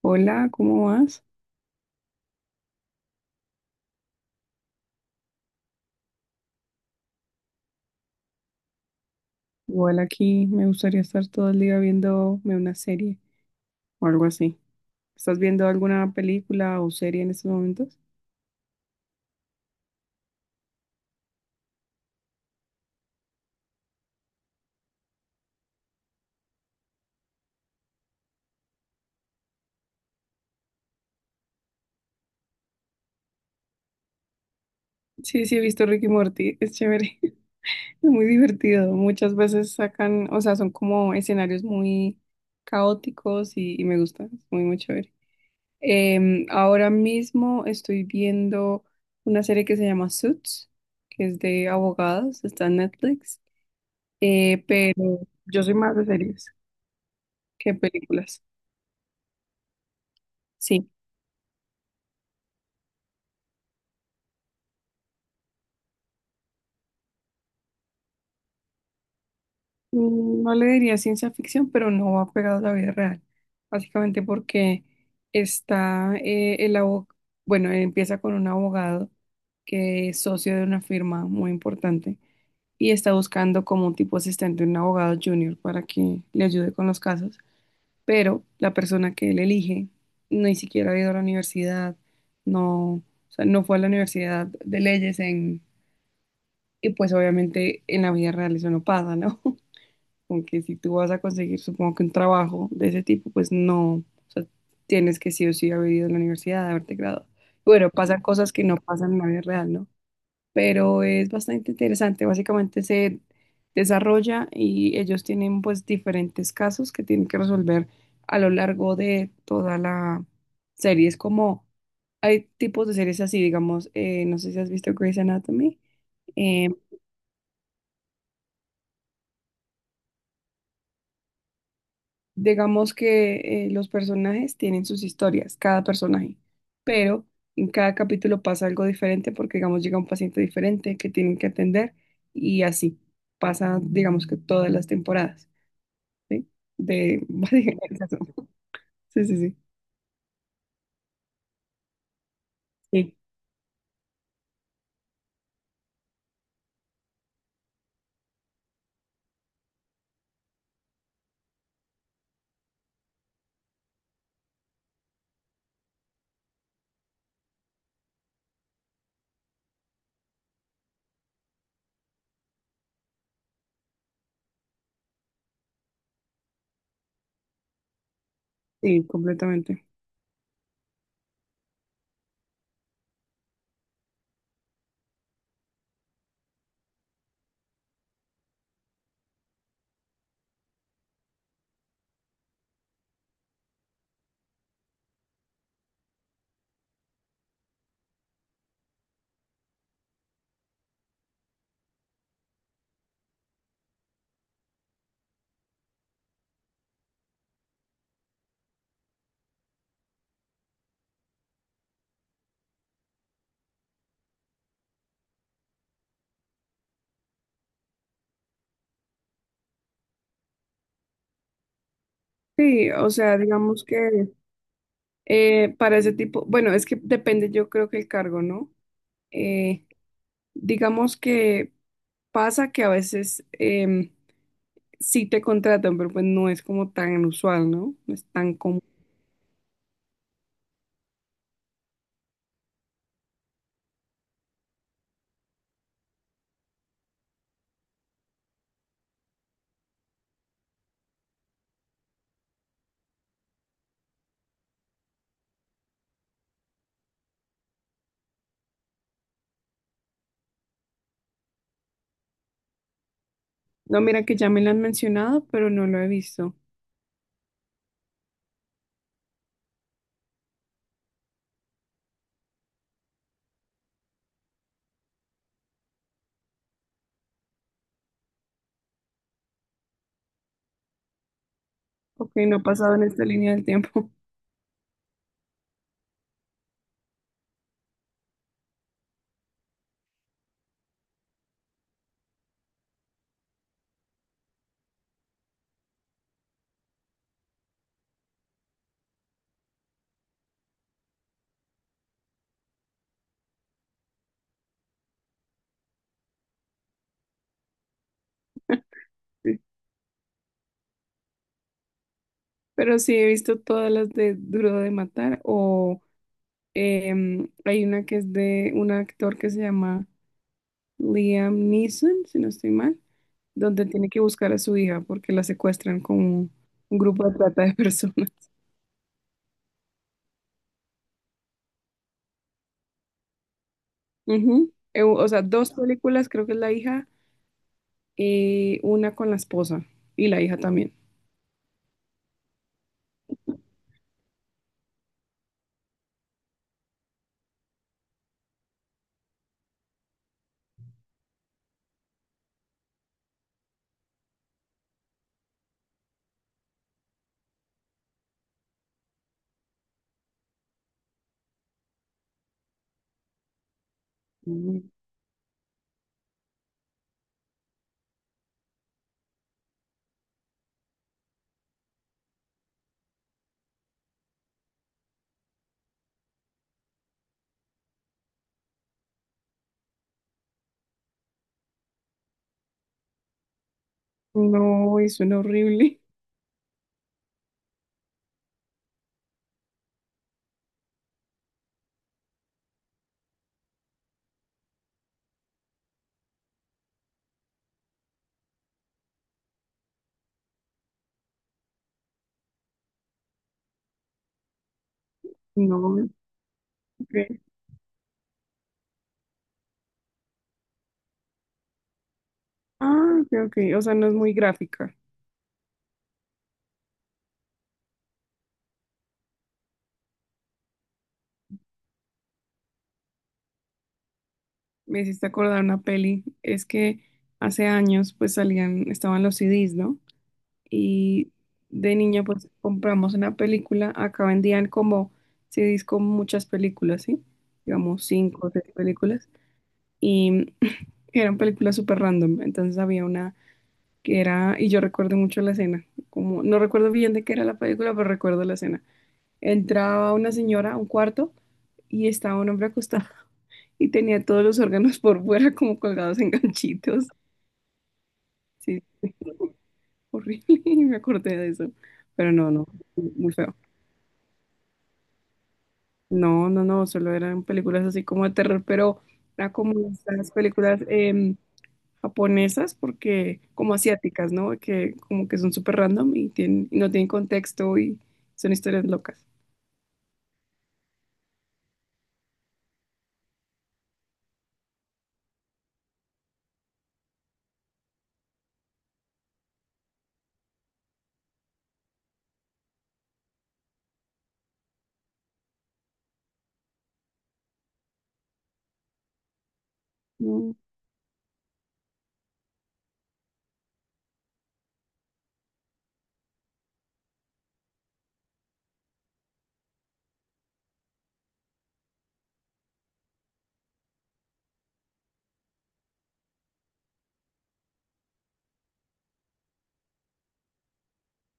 Hola, ¿cómo vas? Igual aquí me gustaría estar todo el día viéndome una serie o algo así. ¿Estás viendo alguna película o serie en estos momentos? Sí, he visto Ricky y Morty, es chévere, es muy divertido. Muchas veces sacan, o sea, son como escenarios muy caóticos y me gusta, es muy chévere. Ahora mismo estoy viendo una serie que se llama Suits, que es de abogados, está en Netflix, pero yo soy más de series. ¿Qué películas? Sí, no le diría ciencia ficción, pero no va pegado a la vida real. Básicamente porque está el abogado, bueno, empieza con un abogado que es socio de una firma muy importante y está buscando como un tipo asistente, un abogado junior para que le ayude con los casos, pero la persona que él elige ni siquiera ha ido a la universidad, no, o sea, no fue a la universidad de leyes en, y pues obviamente en la vida real eso no pasa, ¿no? Como que si tú vas a conseguir, supongo que un trabajo de ese tipo, pues no, o sea, tienes que sí o sí haber ido a la universidad, haberte graduado. Bueno, pasan cosas que no pasan en la vida real, ¿no? Pero es bastante interesante, básicamente se desarrolla y ellos tienen pues diferentes casos que tienen que resolver a lo largo de toda la serie. Es como, hay tipos de series así, digamos, no sé si has visto Grey's Anatomy. eh, Digamos que los personajes tienen sus historias, cada personaje, pero en cada capítulo pasa algo diferente porque, digamos, llega un paciente diferente que tienen que atender y así pasa, digamos que todas las temporadas, ¿sí? De, básicamente eso. Sí, sí, sí, completamente. Sí, o sea, digamos que para ese tipo, bueno, es que depende, yo creo que el cargo, ¿no? Eh, digamos que pasa que a veces... sí te contratan, pero pues no es como tan usual, ¿no? No es tan común. No, mira que ya me lo han mencionado, pero no lo he visto. Ok, no ha pasado en esta línea del tiempo. Sí. Pero sí he visto todas las de Duro de Matar o hay una que es de un actor que se llama Liam Neeson, si no estoy mal, donde tiene que buscar a su hija porque la secuestran con un grupo de trata de personas. Ujú. O sea, dos películas, creo que es La hija y una con la esposa y la hija también. Mm. No, y suena horrible. No, ok. Ah, ok, ok. O sea, no es muy gráfica. Me hiciste acordar una peli. Es que hace años, pues salían, estaban los CDs, ¿no? Y de niña, pues compramos una película. Acá vendían como CDs con muchas películas, ¿sí? Digamos, cinco o seis películas. Y eran películas súper random. Entonces había una que era, y yo recuerdo mucho la escena, como, no recuerdo bien de qué era la película, pero recuerdo la escena. Entraba una señora a un cuarto y estaba un hombre acostado y tenía todos los órganos por fuera como colgados en ganchitos. Sí, horrible, y me acordé de eso, pero no, muy feo. No, solo eran películas así como de terror, pero era como esas películas, japonesas, porque como asiáticas, ¿no? Que como que son súper random y, tienen, y no tienen contexto y son historias locas. No,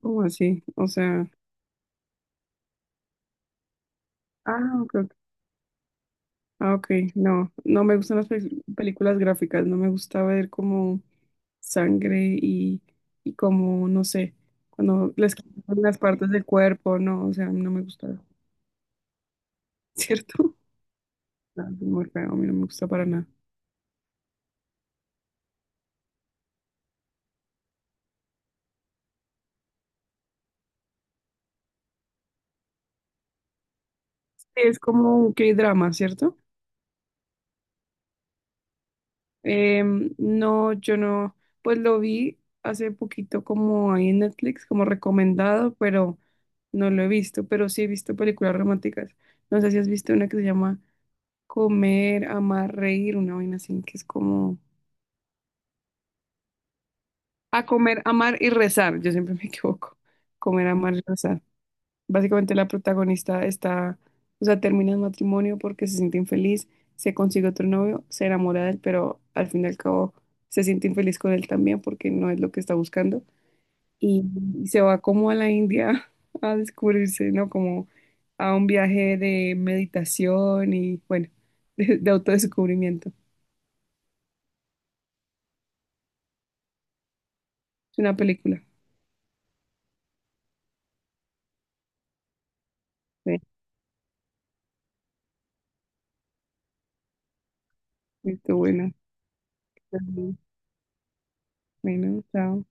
¿cómo así? O sea, ah, ok, ok. Ah, ok, no, no me gustan las películas gráficas, no me gusta ver como sangre y como, no sé, cuando les quitan las partes del cuerpo, no, o sea, no me gusta, ¿cierto? No, es muy feo, a mí no me gusta para nada. Es como un K-drama, ¿cierto? No, yo no, pues lo vi hace poquito como ahí en Netflix, como recomendado, pero no lo he visto, pero sí he visto películas románticas. No sé si has visto una que se llama Comer, Amar, Reír, una vaina así, que es como... A comer, amar y rezar, yo siempre me equivoco. Comer, amar y rezar. Básicamente la protagonista está, o sea, termina el matrimonio porque se siente infeliz, se consigue otro novio, se enamora de él, pero al fin y al cabo se siente infeliz con él también porque no es lo que está buscando. Y se va como a la India a descubrirse, ¿no? Como a un viaje de meditación y, bueno, de autodescubrimiento. Es una película. Sí, estuvo buena. Bueno, chao.